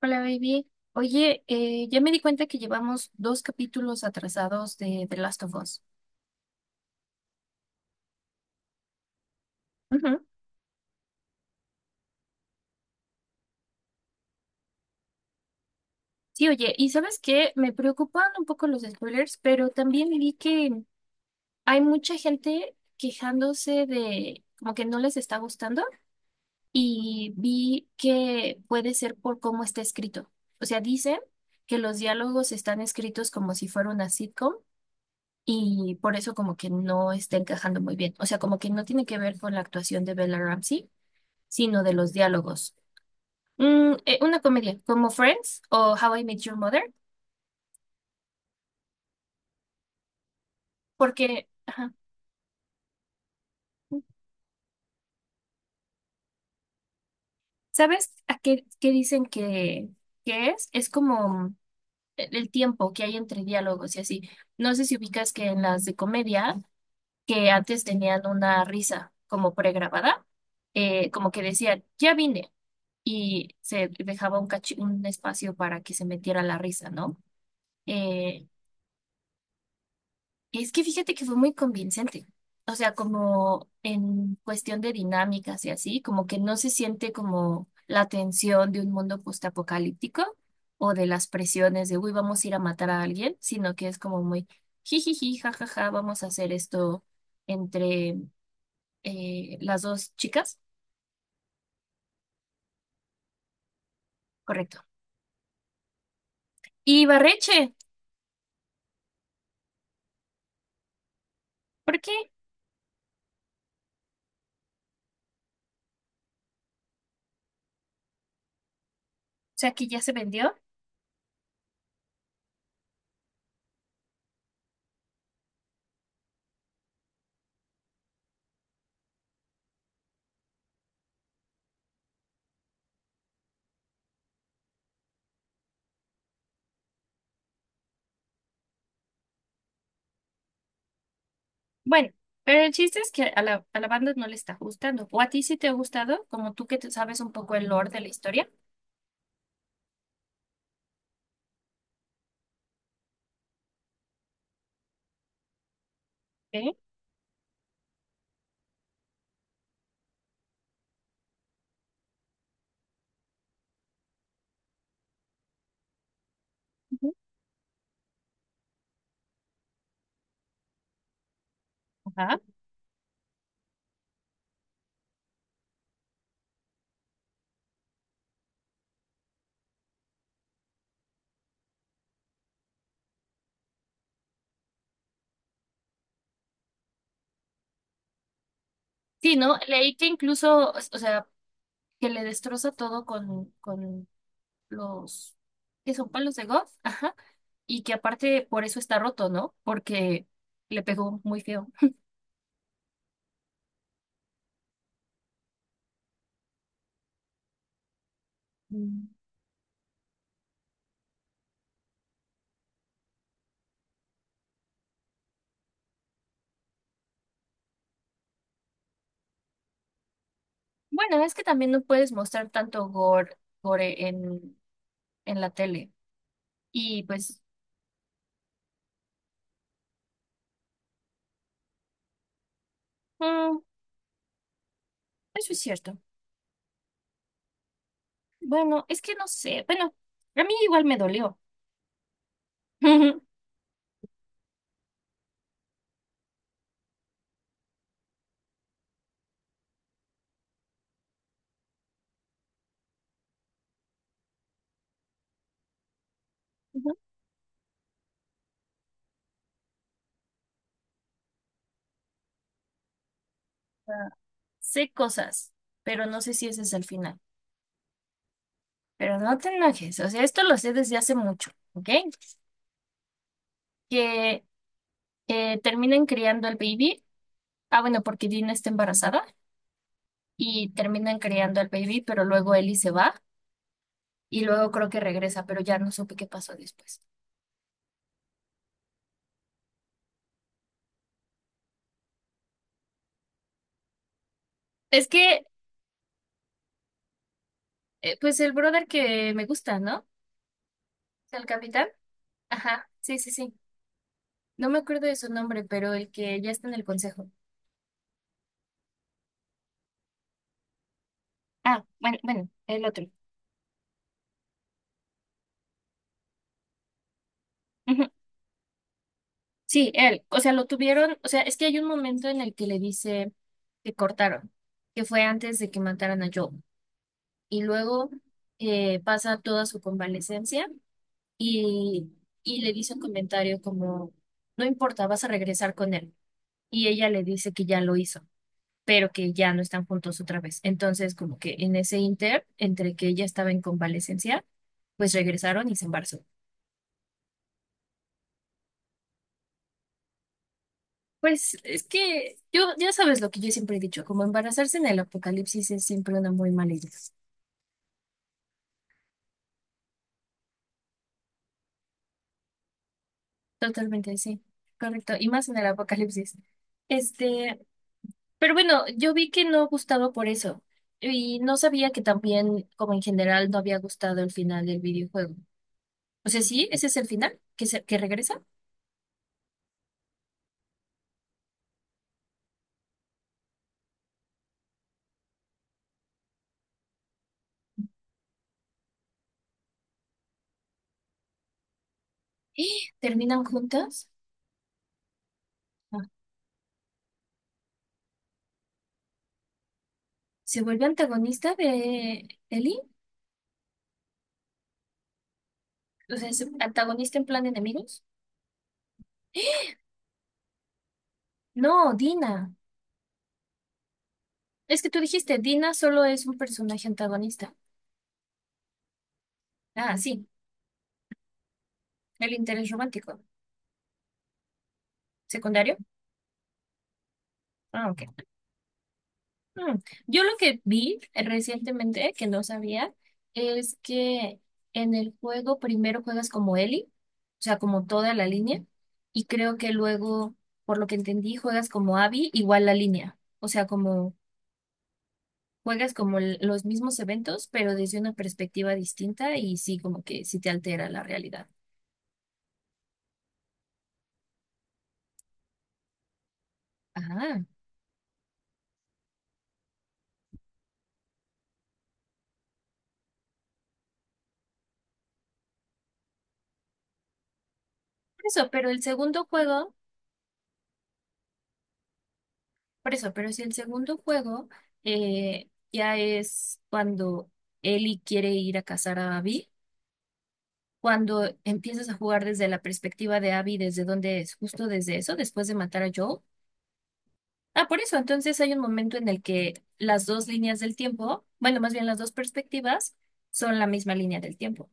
Hola, baby. Oye, ya me di cuenta que llevamos dos capítulos atrasados de The Last of Us. Ujú. Sí, oye, y ¿sabes qué? Me preocupan un poco los spoilers, pero también vi que hay mucha gente quejándose de como que no les está gustando y vi que puede ser por cómo está escrito. O sea, dicen que los diálogos están escritos como si fuera una sitcom y por eso como que no está encajando muy bien. O sea, como que no tiene que ver con la actuación de Bella Ramsey sino de los diálogos. Mm, una comedia como Friends o How I Met Your Mother, porque, ajá, ¿sabes a qué dicen que es? Es como el tiempo que hay entre diálogos y así. No sé si ubicas que en las de comedia, que antes tenían una risa como pregrabada, como que decían, ya vine, y se dejaba un, un espacio para que se metiera la risa, ¿no? Eh, es que fíjate que fue muy convincente. O sea, como en cuestión de dinámicas y así, como que no se siente como la tensión de un mundo postapocalíptico o de las presiones de, uy, vamos a ir a matar a alguien, sino que es como muy jijiji, jajaja, vamos a hacer esto entre las dos chicas. Correcto. Y Barreche, ¿por qué? O sea, que ya se vendió. Bueno, pero el chiste es que a a la banda no le está gustando. O a ti sí te ha gustado, como tú que te sabes un poco el lore de la historia. ¿Eh? Ujú. Ajá. Sí, ¿no? Leí que incluso, o sea, que le destroza todo con los que son palos de golf. Ajá. Y que aparte por eso está roto, ¿no? Porque le pegó muy feo. Mm. Bueno, es que también no puedes mostrar tanto gore en la tele. Y pues, mm, eso es cierto. Bueno, es que no sé. Bueno, a mí igual me dolió. Ujú. Ah, sé cosas, pero no sé si ese es el final. Pero no te enojes. O sea, esto lo sé desde hace mucho, ¿ok? Que terminan criando al baby. Ah, bueno, porque Dina está embarazada y terminan criando al baby, pero luego Ellie se va y luego creo que regresa, pero ya no supe qué pasó después. Es pues el brother que me gusta, ¿no? El capitán. Ajá, sí, sí, sí. No me acuerdo de su nombre, pero el que ya está en el consejo. Ah, bueno, bueno, el otro. Ujú. Sí, él. O sea, lo tuvieron. O sea, es que hay un momento en el que le dice que cortaron, que fue antes de que mataran a Joe. Y luego pasa toda su convalecencia y, y le dice un comentario como, no importa, vas a regresar con él. Y ella le dice que ya lo hizo, pero que ya no están juntos otra vez. Entonces, como que en ese inter, entre que ella estaba en convalecencia, pues regresaron y se embarazó. Pues es que yo, ya sabes lo que yo siempre he dicho, como embarazarse en el apocalipsis es siempre una muy mala idea. Totalmente, sí, correcto. Y más en el apocalipsis. Este, pero bueno, yo vi que no gustaba por eso. Y no sabía que también, como en general, no había gustado el final del videojuego. O sea, sí, ese es el final, que regresa. ¡Ah! ¿Terminan juntas? ¿Se vuelve antagonista de Ellie? O sea, ¿es antagonista en plan enemigos? No, Dina. Es que tú dijiste, Dina solo es un personaje antagonista. Ah, sí, el interés romántico. ¿Secundario? Ah, ok. Mm. Yo lo que vi recientemente, que no sabía, es que en el juego primero juegas como Ellie, o sea, como toda la línea, y creo que luego, por lo que entendí, juegas como Abby, igual la línea. O sea, como juegas como los mismos eventos, pero desde una perspectiva distinta y sí, como que sí te altera la realidad. Ajá. Por eso, pero el segundo juego, por eso, pero si el segundo juego ya es cuando Ellie quiere ir a cazar a Abby, cuando empiezas a jugar desde la perspectiva de Abby, desde dónde es, justo desde eso, después de matar a Joel. Ah, por eso, entonces hay un momento en el que las dos líneas del tiempo, bueno, más bien las dos perspectivas, son la misma línea del tiempo.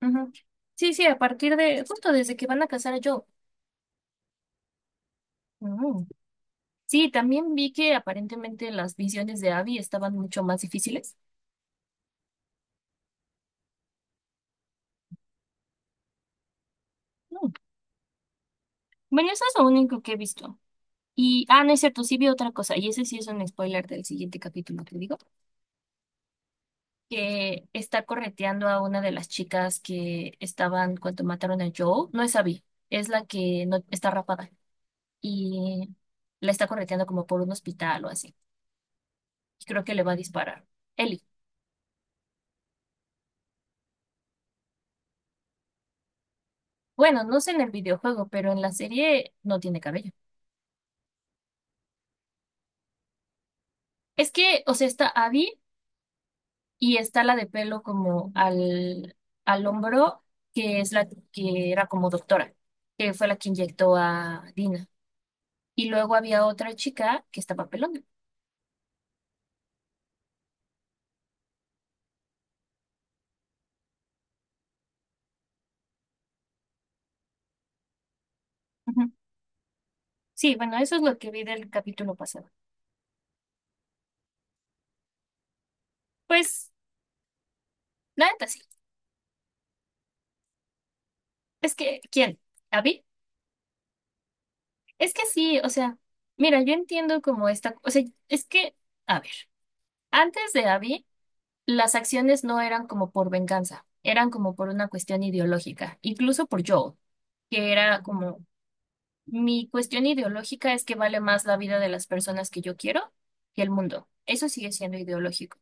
Ujú. Sí, sí, a partir de, justo desde que van a casar a Joe. Mm. Sí, también vi que aparentemente las visiones de Abby estaban mucho más difíciles. Mm. Bueno, eso es lo único que he visto. Y, ah, no es cierto, sí vi otra cosa, y ese sí es un spoiler del siguiente capítulo, te digo, que está correteando a una de las chicas que estaban cuando mataron a Joe. No es Abby, es la que no está rapada. Y la está correteando como por un hospital o así. Y creo que le va a disparar. Ellie. Bueno, no sé en el videojuego, pero en la serie no tiene cabello. Es que, o sea, está Abby y está la de pelo como al hombro, que es la que era como doctora, que fue la que inyectó a Dina. Y luego había otra chica que estaba pelona. Ujú. Sí, bueno, eso es lo que vi del capítulo pasado. Pues, la neta sí. Es que, ¿quién? ¿Abby? Es que sí, o sea, mira, yo entiendo como esta, o sea, es que, a ver, antes de Abby. Las acciones no eran como por venganza, eran como por una cuestión ideológica, incluso por Joel, que era como, mi cuestión ideológica es que vale más la vida de las personas que yo quiero que el mundo. Eso sigue siendo ideológico.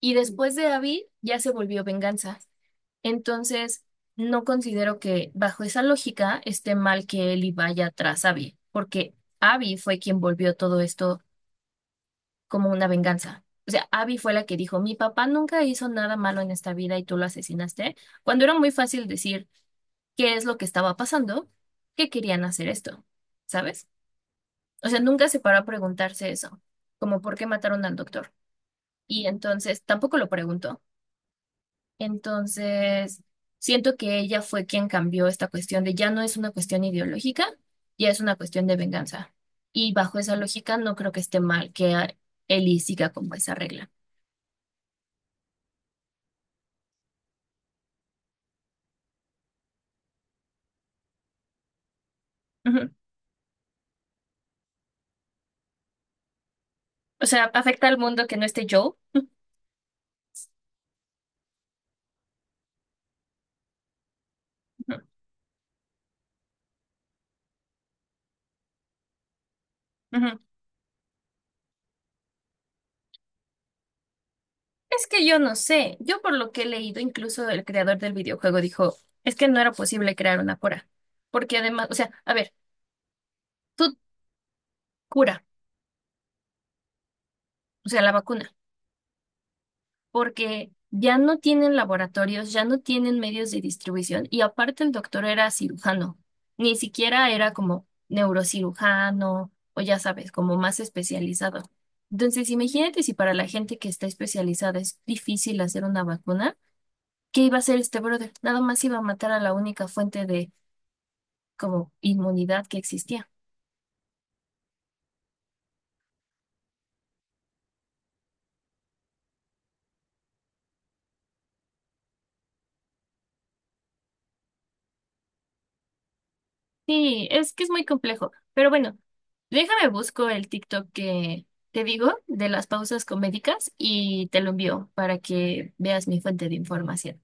Y después de Abby ya se volvió venganza. Entonces, no considero que bajo esa lógica esté mal que Ellie vaya tras Abby, porque Abby fue quien volvió todo esto como una venganza. O sea, Abby fue la que dijo, mi papá nunca hizo nada malo en esta vida y tú lo asesinaste, cuando era muy fácil decir qué es lo que estaba pasando, que querían hacer esto, ¿sabes? O sea, nunca se paró a preguntarse eso, como por qué mataron al doctor. Y entonces tampoco lo preguntó. Entonces, siento que ella fue quien cambió esta cuestión de ya no es una cuestión ideológica, ya es una cuestión de venganza. Y bajo esa lógica no creo que esté mal que Ellie siga como esa regla. O sea, afecta al mundo que no esté Joel. Ujú, ujú. Es que yo no sé. Yo por lo que he leído, incluso el creador del videojuego dijo, es que no era posible crear una cura. Porque además, o sea, a ver, tú cura, o sea, la vacuna, porque ya no tienen laboratorios, ya no tienen medios de distribución y aparte el doctor era cirujano. Ni siquiera era como neurocirujano o ya sabes, como más especializado. Entonces, imagínate si para la gente que está especializada es difícil hacer una vacuna. ¿Qué iba a hacer este brother? Nada más iba a matar a la única fuente de como inmunidad que existía. Sí, es que es muy complejo. Pero bueno, déjame busco el TikTok que te digo de las pausas comédicas y te lo envío para que veas mi fuente de información.